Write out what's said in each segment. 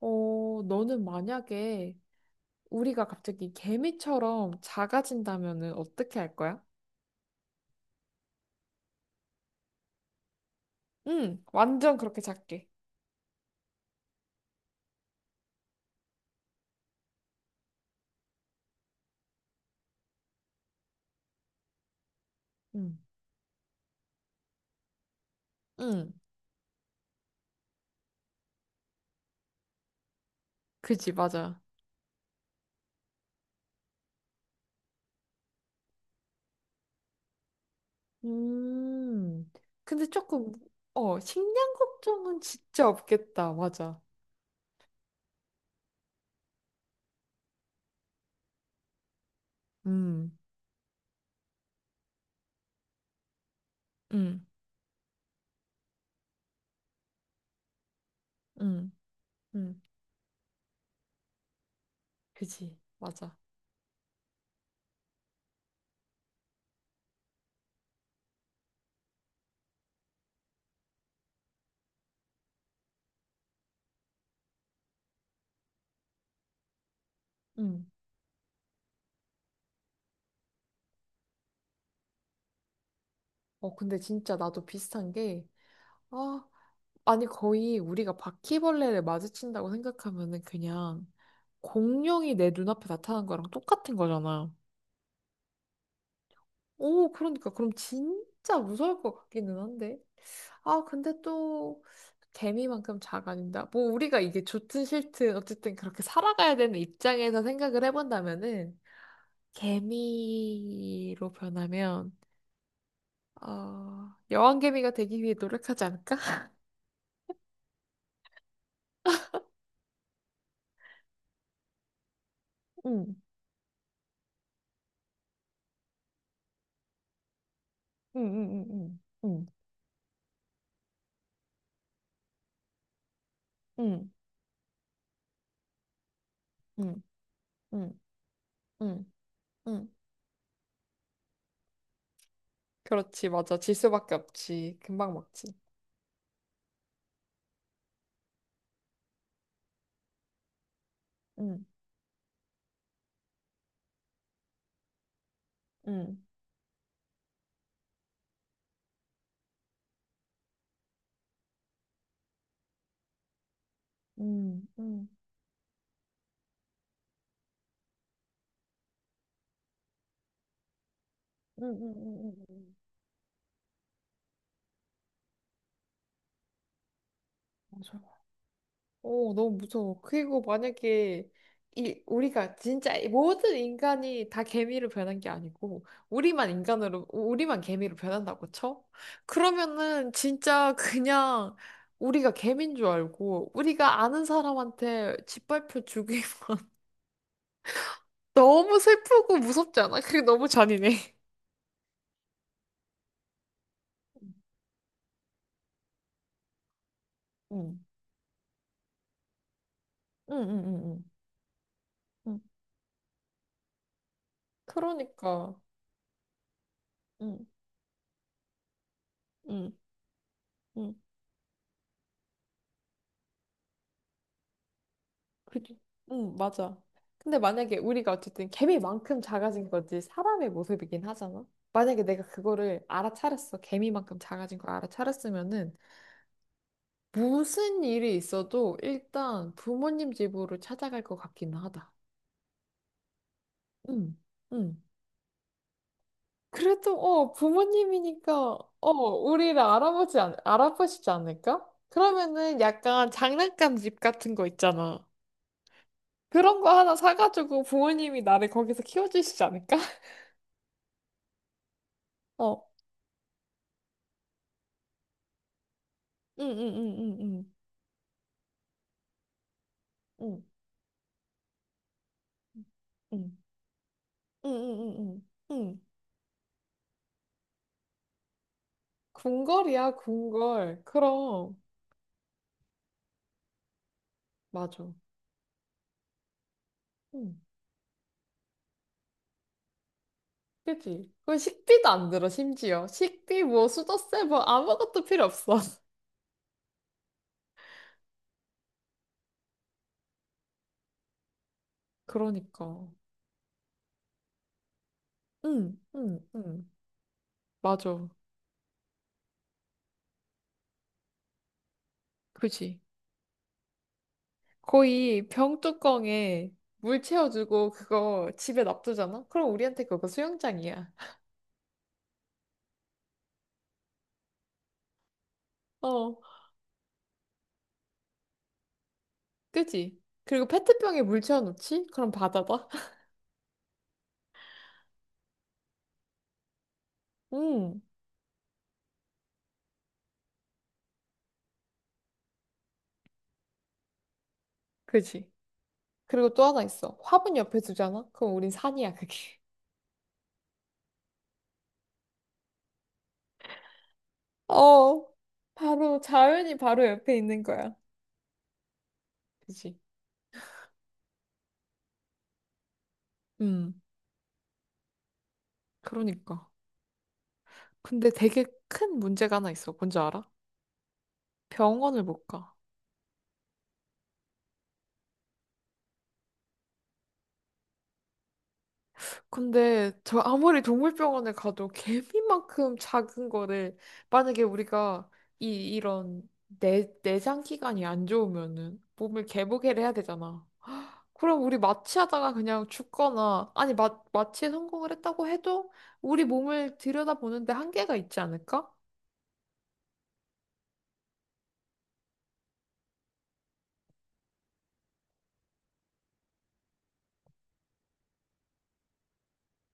너는 만약에 우리가 갑자기 개미처럼 작아진다면은 어떻게 할 거야? 응, 완전 그렇게 작게. 응. 응, 그지, 맞아. 음, 근데 조금, 식량 걱정은 진짜 없겠다, 맞아. 음. 응, 응, 응, 그지, 맞아. 응. 근데 진짜 나도 비슷한 게, 아, 아니, 거의 우리가 바퀴벌레를 마주친다고 생각하면은 그냥 공룡이 내 눈앞에 나타난 거랑 똑같은 거잖아. 오, 그러니까 그럼 진짜 무서울 것 같기는 한데. 아, 근데 또 개미만큼 작아진다. 뭐 우리가 이게 좋든 싫든 어쨌든 그렇게 살아가야 되는 입장에서 생각을 해본다면은 개미로 변하면 여왕개미가 되기 위해 노력하지 않을까? 응, 응, 응, 응, 응, 응, 응, 응, 응. 그렇지, 맞아. 질 수밖에 없지. 금방 먹지. 응, 응. 음, 음, 음. 맞아. 오 너무 무서워. 그리고 만약에 이 우리가 진짜 이 모든 인간이 다 개미로 변한 게 아니고 우리만 인간으로 우리만 개미로 변한다고 쳐? 그러면은 진짜 그냥 우리가 개미인 줄 알고 우리가 아는 사람한테 짓밟혀 죽이면 너무 슬프고 무섭지 않아? 그게 너무 잔인해. 응, 응, 응, 응, 응. 응. 그러니까. 응, 응, 응. 그, 응, 맞아. 근데 만약에 우리가 어쨌든 개미만큼 작아진 거지 사람의 모습이긴 하잖아. 만약에 내가 그거를 알아차렸어. 개미만큼 작아진 걸 알아차렸으면은 무슨 일이 있어도 일단 부모님 집으로 찾아갈 것 같기는 하다. 응, 응. 그래도 어 부모님이니까 어 우리를 알아보지 않, 알아보시지 않을까? 그러면은 약간 장난감 집 같은 거 있잖아. 그런 거 하나 사가지고 부모님이 나를 거기서 키워주시지 않을까? 응응응응응응응응응응응응 응 응. 응응응응. 응. 궁궐이야 궁궐 그럼. 맞아. 응. 그지. 그 식비도 안 들어. 심지어 식비 뭐 수저세 뭐 아무것도 필요 없어. 그러니까. 응응응. 맞아. 그지. 거의 병뚜껑에 물 채워주고 그거 집에 놔두잖아. 그럼 우리한테 그거 수영장이야. 어. 그지. 그리고 페트병에 물 채워놓지. 그럼 바다다. 응. 그지. 그리고 또 하나 있어. 화분 옆에 두잖아? 그럼 우린 산이야, 그게. 어, 바로 자연이 바로 옆에 있는 거야. 그지? 음, 그러니까. 근데 되게 큰 문제가 하나 있어. 뭔지 알아? 병원을 못 가. 근데 저 아무리 동물병원을 가도 개미만큼 작은 거를 만약에 우리가 이 이런 내 내장 기관이 안 좋으면은 몸을 개보개를 해야 되잖아. 그럼 우리 마취하다가 그냥 죽거나, 아니, 마, 마취에 성공을 했다고 해도 우리 몸을 들여다보는데 한계가 있지 않을까?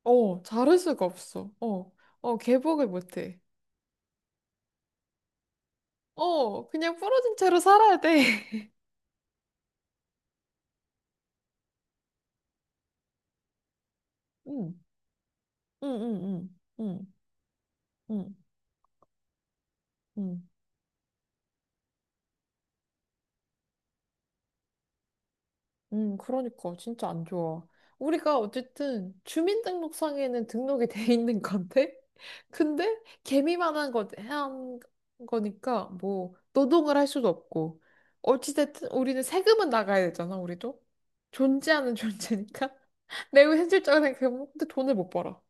잘를 수가 없어. 어, 개복을 못해. 그냥 부러진 채로 살아야 돼. 응, 응, 응, 응, 응, 응, 응. 그러니까 진짜 안 좋아. 우리가 어쨌든 주민등록상에는 등록이 돼 있는 건데, 근데 개미만 한 거, 한 거니까 뭐 노동을 할 수도 없고, 어찌됐든 우리는 세금은 나가야 되잖아, 우리도. 존재하는 존재니까. 매우 현실적인 생각해보면 근데 돈을 못 벌어.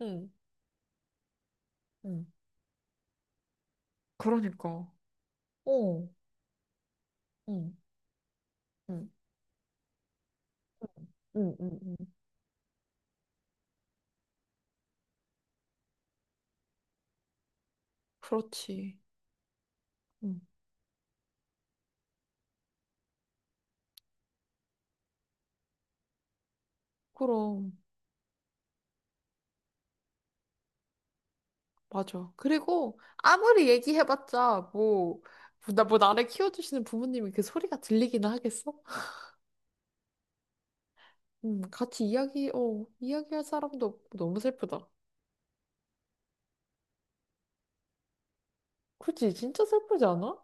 응, 응. 그러니까. 어, 응, 응, 응, 응, 응. 그렇지. 응. 그럼. 맞아. 그리고 아무리 얘기해봤자 뭐, 뭐 나를 키워주시는 부모님이 그 소리가 들리기는 하겠어? 같이 이야기할 사람도 없고 너무 슬프다. 그치? 진짜 슬프지 않아?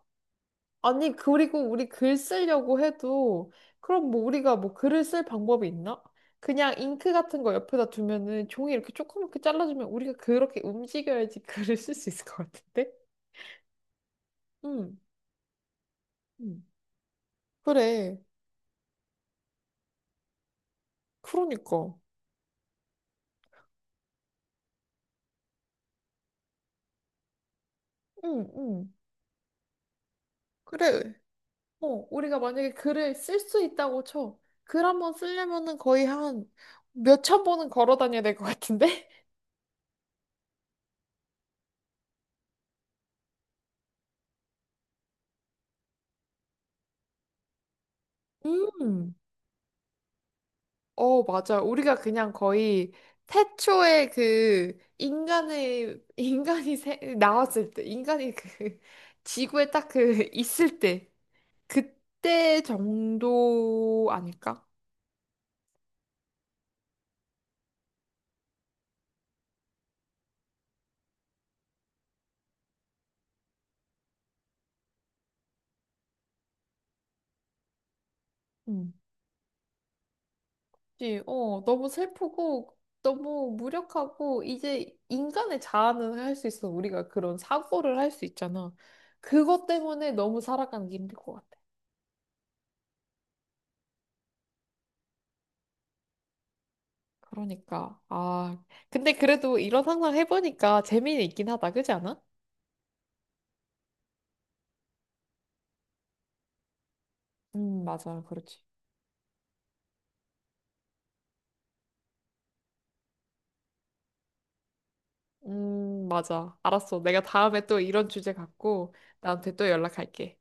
아니, 그리고 우리 글 쓰려고 해도 그럼 뭐 우리가 뭐 글을 쓸 방법이 있나? 그냥 잉크 같은 거 옆에다 두면은 종이 이렇게 조그맣게 잘라주면 우리가 그렇게 움직여야지 글을 쓸 수 있을 것 같은데? 응, 응. 그래. 그러니까. 응, 응. 그래. 우리가 만약에 글을 쓸 수 있다고 쳐. 글 한 번 쓰려면은 거의 한 몇 천 번은 걸어 다녀야 될 것 같은데? 음, 맞아. 우리가 그냥 거의 태초에 그 인간의, 나왔을 때, 인간이 그 지구에 딱 그 있을 때, 그때 정도 아닐까? 그치? 너무 슬프고, 너무 무력하고, 이제 인간의 자아는 할 수 있어. 우리가 그런 사고를 할 수 있잖아. 그것 때문에 너무 살아가는 게 힘들 것 같아. 그러니까, 아. 근데 그래도 이런 상상 해보니까 재미는 있긴 하다. 그지 않아? 맞아. 그렇지. 맞아. 알았어. 내가 다음에 또 이런 주제 갖고 나한테 또 연락할게.